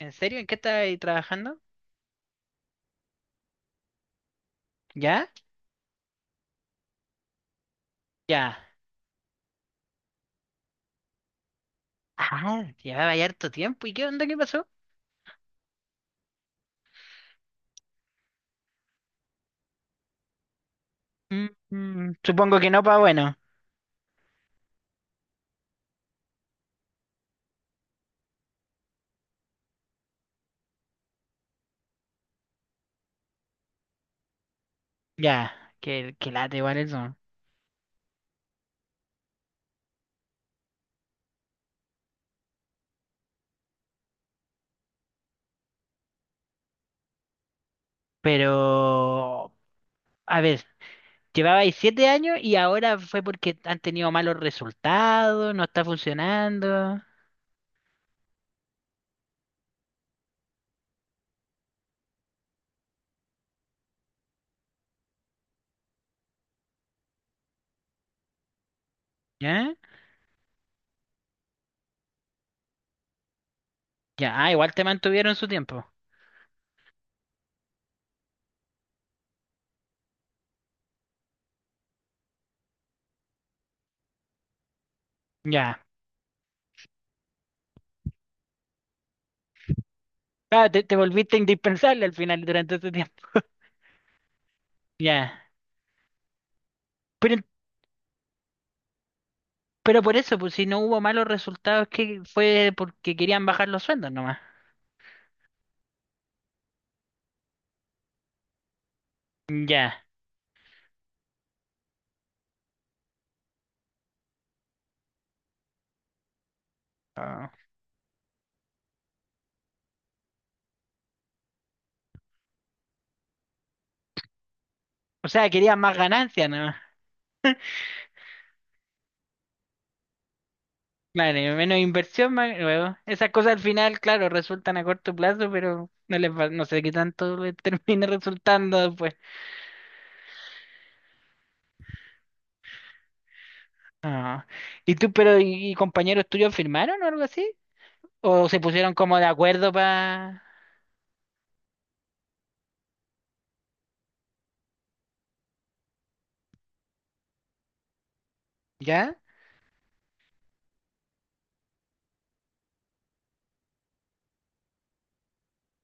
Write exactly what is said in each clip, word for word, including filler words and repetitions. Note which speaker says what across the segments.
Speaker 1: ¿En serio? ¿En qué estás ahí trabajando? ¿Ya? Ya. Ah, llevaba ya harto tiempo. ¿Y qué onda? ¿Qué pasó? Mm, mm, supongo que no, pa' bueno. Ya, que, que late igual eso. Pero, a ver, llevaba ahí siete años y ahora fue porque han tenido malos resultados, no está funcionando. ¿Ya? Ya, ah, igual te mantuvieron su tiempo. Ya. Ah, te, te volviste indispensable al final durante ese tiempo. Ya. Pero Pero por eso, pues si no hubo malos resultados, que fue porque querían bajar los sueldos nomás. Ya. Ah. O sea, querían más ganancias nomás. Claro, y menos inversión, más luego. Esas cosas al final, claro, resultan a corto plazo, pero no les va, no sé qué tanto les termine resultando después. Ah. ¿Y tú, pero, y, y compañeros tuyos firmaron o algo así? ¿O se pusieron como de acuerdo para... ¿Ya?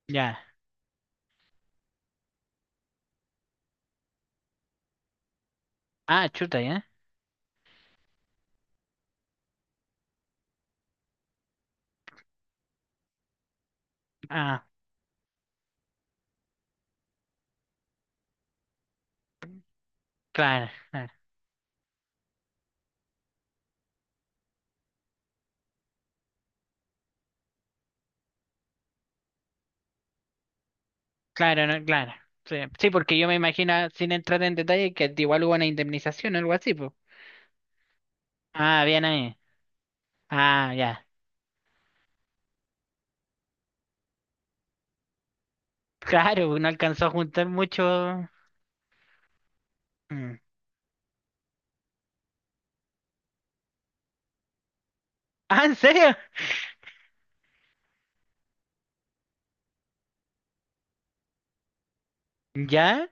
Speaker 1: Ya. Ah, chuta, ¿ya? Ah, claro, claro. Claro, no, claro. Sí, sí, porque yo me imagino, sin entrar en detalle, que igual hubo una indemnización o algo así, pues. Ah, bien ahí. Ah, ya. Claro, no alcanzó a juntar mucho. Mm. Ah, ¿en serio? ¿Ya?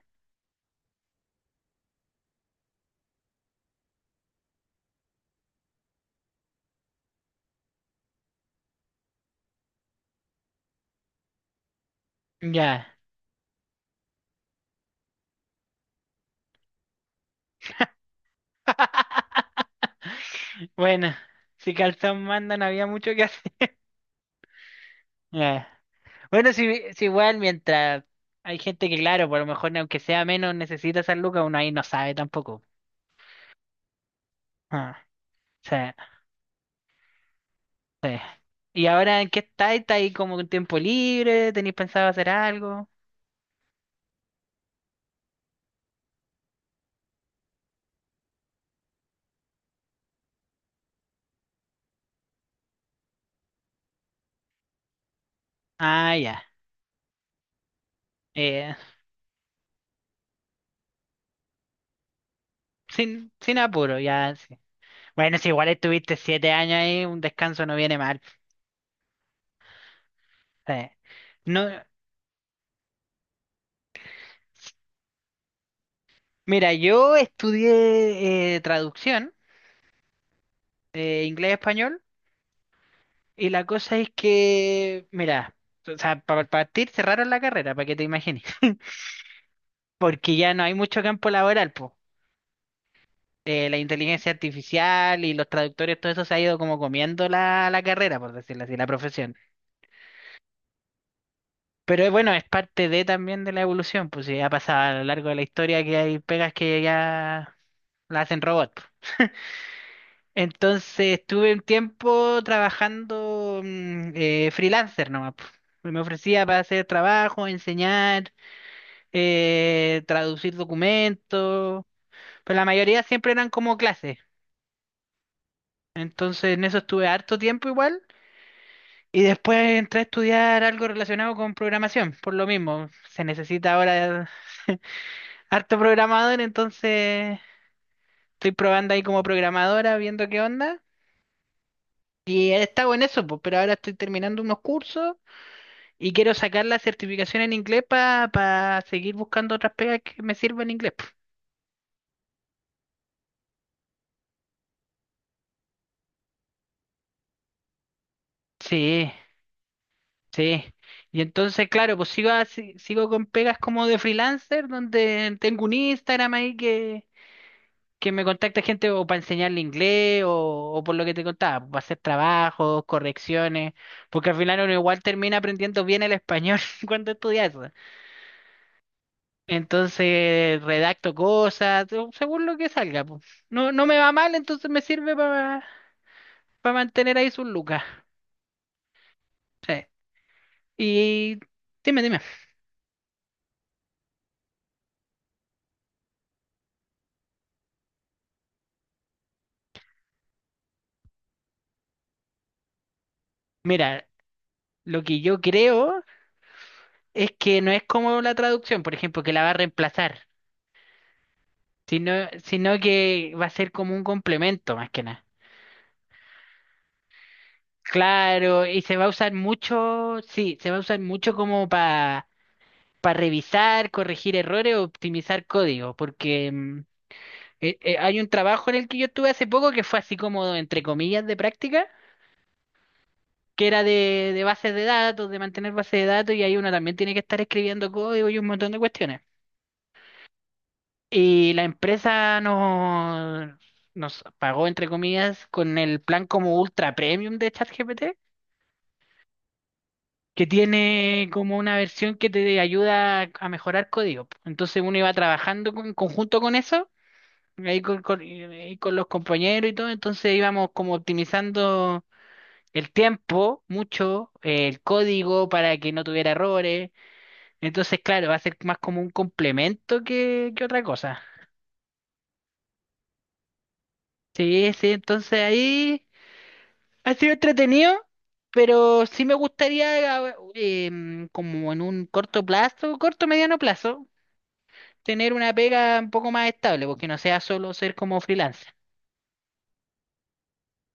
Speaker 1: Ya. Bueno, si calzón manda, no había mucho que hacer. Ya. Bueno, si, si igual mientras hay gente que, claro, por lo mejor aunque sea menos, necesita San Lucas, uno ahí no sabe tampoco. Ah, sí. Sí. ¿Y ahora en qué estáis? ¿Estáis como con tiempo libre? ¿Tenéis pensado hacer algo? Ah, ya. Eh, sin, sin apuro, ya, sí. Bueno, si igual estuviste siete años ahí, un descanso no viene mal. Sí. No, mira, yo estudié eh, traducción, eh, inglés-español, y la cosa es que, mira, o sea, para partir cerraron la carrera, para que te imagines, porque ya no hay mucho campo laboral, pues. Eh, la inteligencia artificial y los traductores, todo eso se ha ido como comiendo la, la carrera, por decirlo así, la profesión. Pero eh, bueno, es parte de también de la evolución, pues ya ha pasado a lo largo de la historia que hay pegas que ya la hacen robot, pues. Entonces estuve un tiempo trabajando mm, eh, freelancer nomás, pues. Me ofrecía para hacer trabajo, enseñar, eh, traducir documentos, pero la mayoría siempre eran como clases. Entonces en eso estuve harto tiempo igual. Y después entré a estudiar algo relacionado con programación, por lo mismo. Se necesita ahora harto programador, entonces estoy probando ahí como programadora, viendo qué onda. Y he estado en eso, pues, pero ahora estoy terminando unos cursos y quiero sacar la certificación en inglés para seguir buscando otras pegas que me sirvan en inglés, po. Sí, sí. Y entonces, claro, pues sigo, así- sigo con pegas como de freelancer, donde tengo un Instagram ahí que que me contacta gente o para enseñarle inglés o, o por lo que te contaba, para hacer trabajos, correcciones, porque al final uno igual termina aprendiendo bien el español cuando estudia eso. Entonces redacto cosas, o según lo que salga, po. No, no me va mal, entonces me sirve para mantener ahí sus lucas. Y dime, dime. Mira, lo que yo creo es que no es como la traducción, por ejemplo, que la va a reemplazar, sino, sino que va a ser como un complemento más que nada. Claro, y se va a usar mucho, sí, se va a usar mucho como para revisar, corregir errores, optimizar código, porque mm, eh, eh, hay un trabajo en el que yo estuve hace poco que fue así como, entre comillas, de práctica, que era de, de bases de datos, de mantener bases de datos, y ahí uno también tiene que estar escribiendo código y un montón de cuestiones. Y la empresa nos, nos pagó, entre comillas, con el plan como ultra premium de ChatGPT, que tiene como una versión que te ayuda a mejorar código. Entonces uno iba trabajando con- en conjunto con eso, ahí con, con- ahí con los compañeros y todo, entonces íbamos como optimizando el tiempo mucho, eh, el código para que no tuviera errores. Entonces, claro, va a ser más como un complemento que, que otra cosa. Sí, sí, entonces ahí ha sido entretenido. Pero sí me gustaría, eh, em, como en un corto plazo, corto mediano plazo, tener una pega un poco más estable, porque no sea solo ser como freelancer.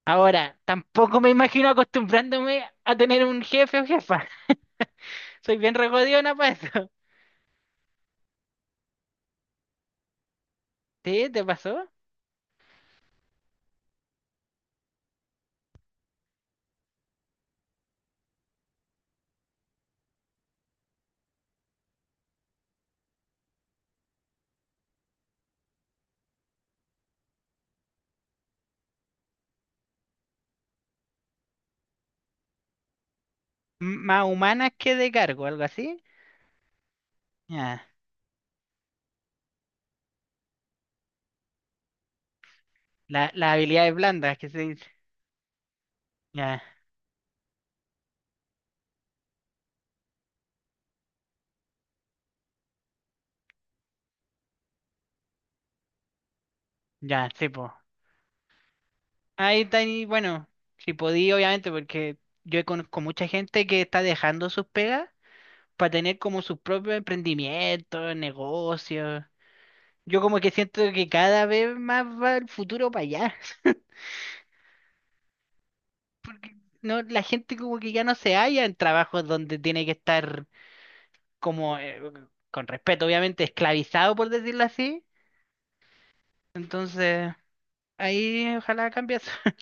Speaker 1: Ahora, tampoco me imagino acostumbrándome a tener un jefe o jefa. Soy bien regodiona para eso. ¿Sí? ¿Te pasó? M- más humanas que de cargo, algo así. Ya. La- las habilidades blandas que se dice. Ya, ya, sí, po. Ahí está, y bueno, si podí, obviamente, porque yo conozco mucha gente que está dejando sus pegas para tener como sus propios emprendimientos, negocios. Yo como que siento que cada vez más va el futuro para allá. Porque no, la gente como que ya no se halla en trabajos donde tiene que estar como, eh, con respeto obviamente, esclavizado por decirlo así. Entonces, ahí ojalá cambie eso.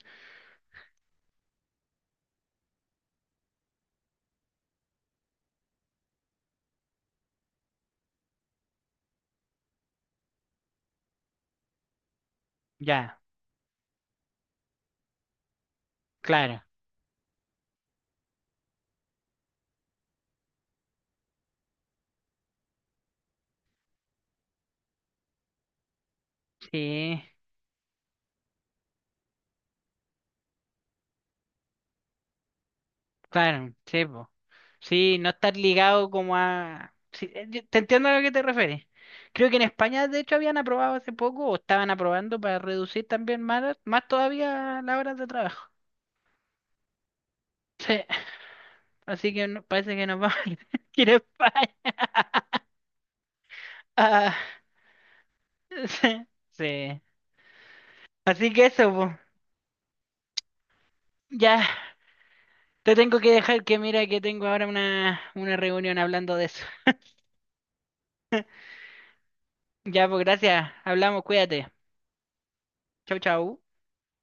Speaker 1: Ya, claro. Sí, claro, sí, po. Sí, no estar ligado como a... sí, eh, yo te entiendo a lo que te refieres. Creo que en España de hecho habían aprobado hace poco o estaban aprobando para reducir también más, más todavía las horas de trabajo. Sí, así que no- parece que nos vamos a ir a España. Ah, sí, sí. Así que eso, po. Ya, te tengo que dejar que mira que tengo ahora una, una reunión hablando de eso. Ya, pues gracias. Hablamos, cuídate. Chau, chau.